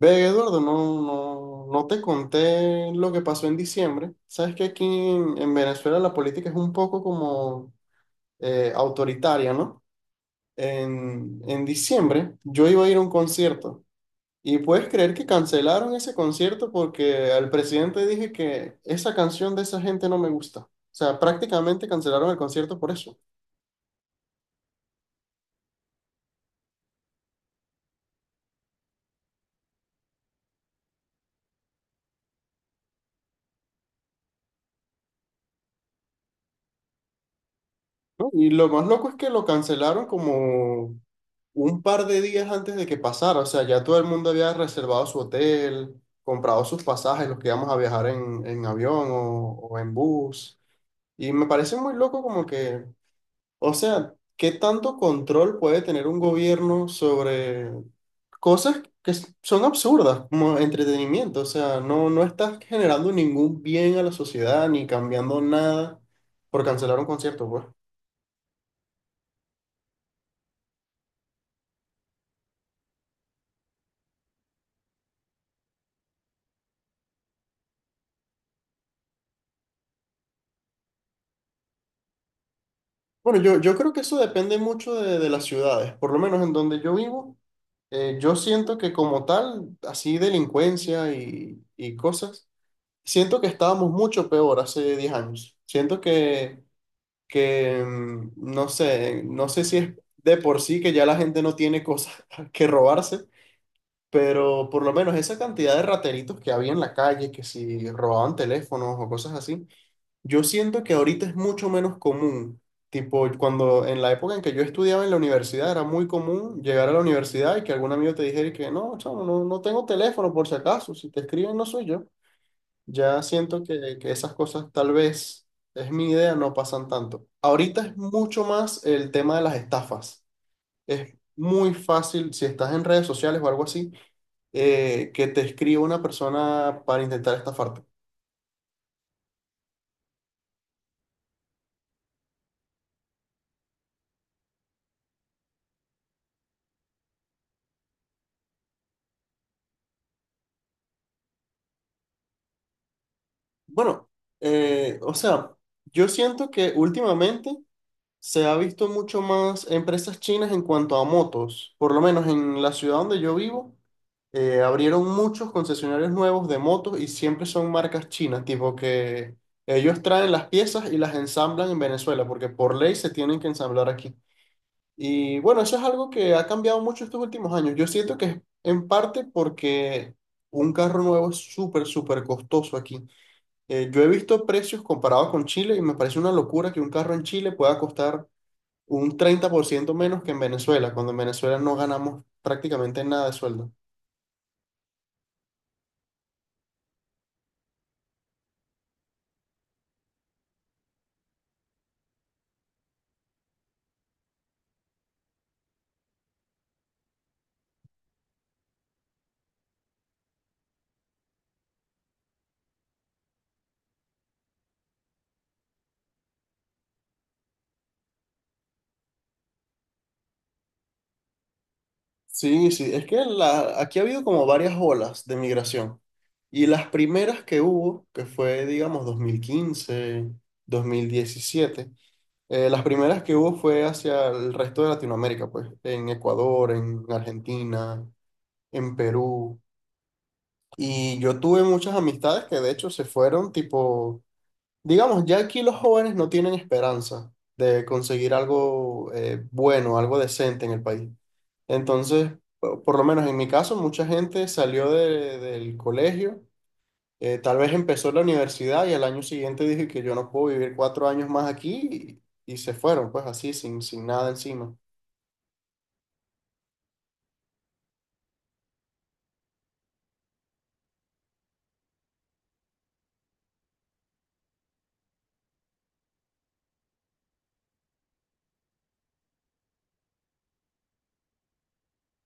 Ve, Eduardo, no te conté lo que pasó en diciembre. Sabes que aquí en Venezuela la política es un poco como autoritaria, ¿no? En diciembre yo iba a ir a un concierto y puedes creer que cancelaron ese concierto porque al presidente dije que esa canción de esa gente no me gusta. O sea, prácticamente cancelaron el concierto por eso, ¿no? Y lo más loco es que lo cancelaron como un par de días antes de que pasara, o sea, ya todo el mundo había reservado su hotel, comprado sus pasajes, los que íbamos a viajar en avión o en bus. Y me parece muy loco como que, o sea, ¿qué tanto control puede tener un gobierno sobre cosas que son absurdas, como entretenimiento? O sea, no estás generando ningún bien a la sociedad ni cambiando nada por cancelar un concierto, pues. Bueno, yo creo que eso depende mucho de las ciudades, por lo menos en donde yo vivo. Yo siento que como tal, así delincuencia y cosas, siento que estábamos mucho peor hace 10 años. Siento que, no sé, no sé si es de por sí que ya la gente no tiene cosas que robarse, pero por lo menos esa cantidad de rateritos que había en la calle, que si robaban teléfonos o cosas así, yo siento que ahorita es mucho menos común. Tipo, cuando en la época en que yo estudiaba en la universidad era muy común llegar a la universidad y que algún amigo te dijera y que no, chamo, no tengo teléfono por si acaso, si te escriben no soy yo. Ya siento que esas cosas tal vez, es mi idea, no pasan tanto. Ahorita es mucho más el tema de las estafas. Es muy fácil, si estás en redes sociales o algo así, que te escriba una persona para intentar estafarte. Bueno, o sea, yo siento que últimamente se ha visto mucho más empresas chinas en cuanto a motos. Por lo menos en la ciudad donde yo vivo, abrieron muchos concesionarios nuevos de motos y siempre son marcas chinas, tipo que ellos traen las piezas y las ensamblan en Venezuela, porque por ley se tienen que ensamblar aquí. Y bueno, eso es algo que ha cambiado mucho estos últimos años. Yo siento que es en parte porque un carro nuevo es súper, súper costoso aquí. Yo he visto precios comparados con Chile y me parece una locura que un carro en Chile pueda costar un 30% menos que en Venezuela, cuando en Venezuela no ganamos prácticamente nada de sueldo. Sí, sí, es que la, aquí ha habido como varias olas de migración y las primeras que hubo, que fue digamos 2015, 2017, las primeras que hubo fue hacia el resto de Latinoamérica, pues en Ecuador, en Argentina, en Perú. Y yo tuve muchas amistades que de hecho se fueron, tipo, digamos, ya aquí los jóvenes no tienen esperanza de conseguir algo bueno, algo decente en el país. Entonces, por lo menos en mi caso, mucha gente salió del colegio, tal vez empezó la universidad y al año siguiente dije que yo no puedo vivir 4 años más aquí y se fueron, pues así, sin nada encima.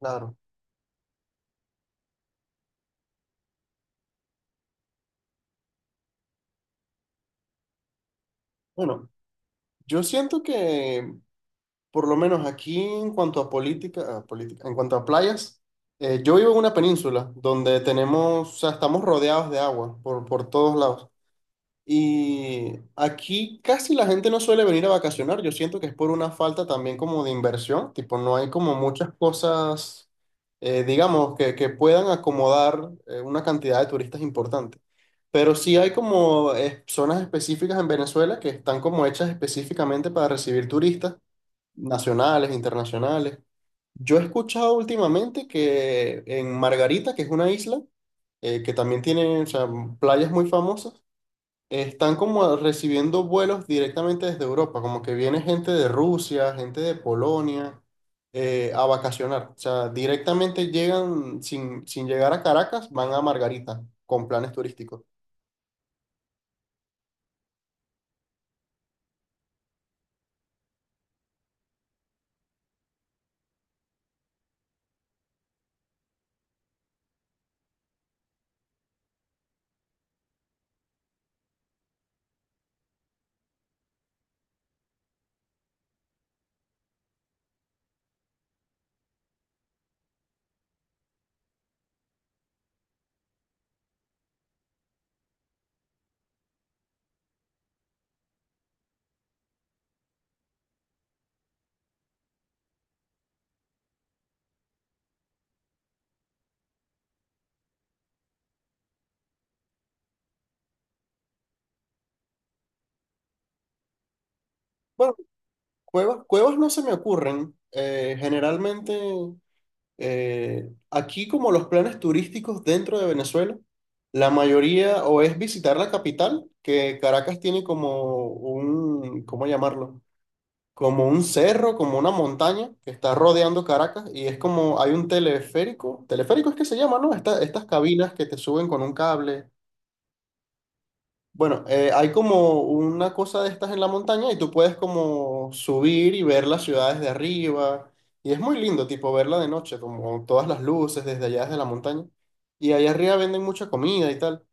Claro. Bueno, yo siento que por lo menos aquí en cuanto a política, en cuanto a playas, yo vivo en una península donde tenemos, o sea, estamos rodeados de agua por todos lados. Y aquí casi la gente no suele venir a vacacionar. Yo siento que es por una falta también como de inversión, tipo no hay como muchas cosas, digamos, que puedan acomodar una cantidad de turistas importante. Pero sí hay como zonas específicas en Venezuela que están como hechas específicamente para recibir turistas nacionales, internacionales. Yo he escuchado últimamente que en Margarita, que es una isla, que también tiene, o sea, playas muy famosas, están como recibiendo vuelos directamente desde Europa, como que viene gente de Rusia, gente de Polonia, a vacacionar. O sea, directamente llegan, sin llegar a Caracas, van a Margarita con planes turísticos. Bueno, cuevas no se me ocurren. Generalmente Aquí, como los planes turísticos dentro de Venezuela, la mayoría o es visitar la capital, que Caracas tiene como un, ¿cómo llamarlo? Como un cerro, como una montaña que está rodeando Caracas y es como hay un teleférico es que se llama, ¿no? Estas cabinas que te suben con un cable. Bueno, hay como una cosa de estas en la montaña y tú puedes como subir y ver las ciudades de arriba. Y es muy lindo, tipo, verla de noche, como todas las luces desde allá, desde la montaña. Y allá arriba venden mucha comida y tal.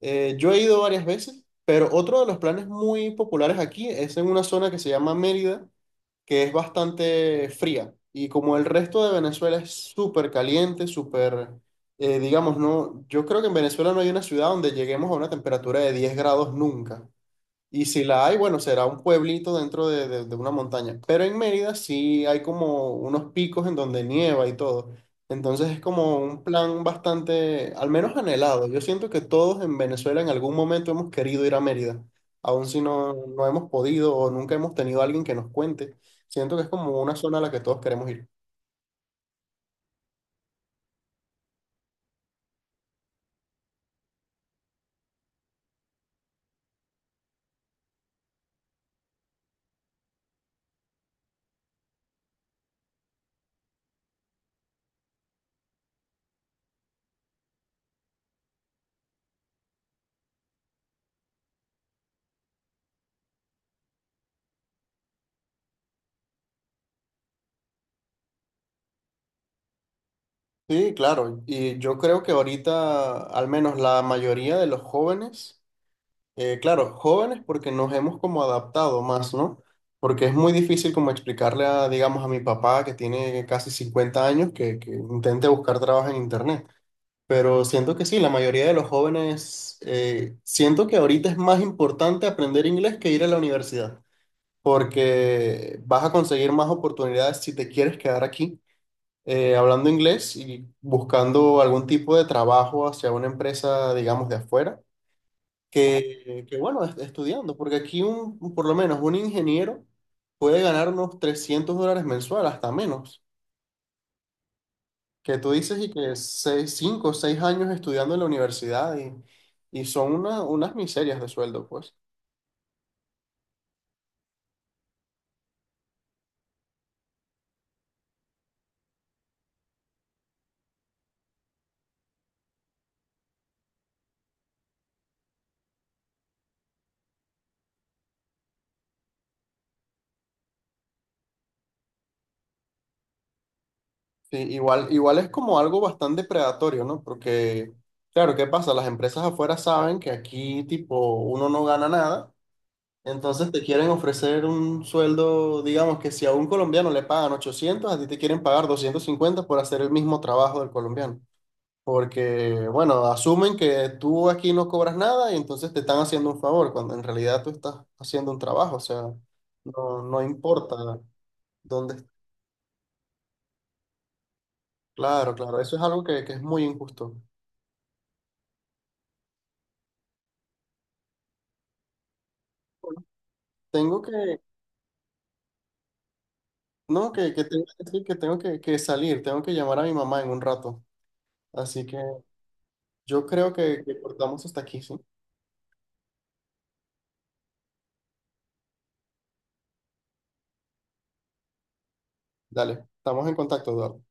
Yo he ido varias veces, pero otro de los planes muy populares aquí es en una zona que se llama Mérida, que es bastante fría. Y como el resto de Venezuela es súper caliente, súper, digamos, no, yo creo que en Venezuela no hay una ciudad donde lleguemos a una temperatura de 10 grados nunca. Y si la hay, bueno, será un pueblito dentro de una montaña. Pero en Mérida sí hay como unos picos en donde nieva y todo. Entonces es como un plan bastante, al menos anhelado. Yo siento que todos en Venezuela en algún momento hemos querido ir a Mérida, aun si no hemos podido o nunca hemos tenido a alguien que nos cuente. Siento que es como una zona a la que todos queremos ir. Sí, claro. Y yo creo que ahorita, al menos la mayoría de los jóvenes. Claro, jóvenes porque nos hemos como adaptado más, ¿no? Porque es muy difícil como explicarle a, digamos, a mi papá que tiene casi 50 años que intente buscar trabajo en internet. Pero siento que sí, la mayoría de los jóvenes, siento que ahorita es más importante aprender inglés que ir a la universidad, porque vas a conseguir más oportunidades si te quieres quedar aquí hablando inglés y buscando algún tipo de trabajo hacia una empresa, digamos, de afuera bueno, estudiando, porque aquí un, por lo menos un ingeniero puede ganar unos $300 mensual, hasta menos, que tú dices y que 6 cinco o 6 años estudiando en la universidad y son unas miserias de sueldo, pues. Sí, igual, igual es como algo bastante predatorio, ¿no? Porque, claro, ¿qué pasa? Las empresas afuera saben que aquí, tipo, uno no gana nada. Entonces te quieren ofrecer un sueldo, digamos que si a un colombiano le pagan 800, a ti te quieren pagar 250 por hacer el mismo trabajo del colombiano. Porque, bueno, asumen que tú aquí no cobras nada y entonces te están haciendo un favor, cuando en realidad tú estás haciendo un trabajo, o sea, no importa dónde. Claro, claro, eso es algo que es muy injusto. Tengo que, no, que tengo que decir que tengo que salir, tengo que llamar a mi mamá en un rato. Así que yo creo que cortamos hasta aquí, ¿sí? Dale, estamos en contacto, Eduardo.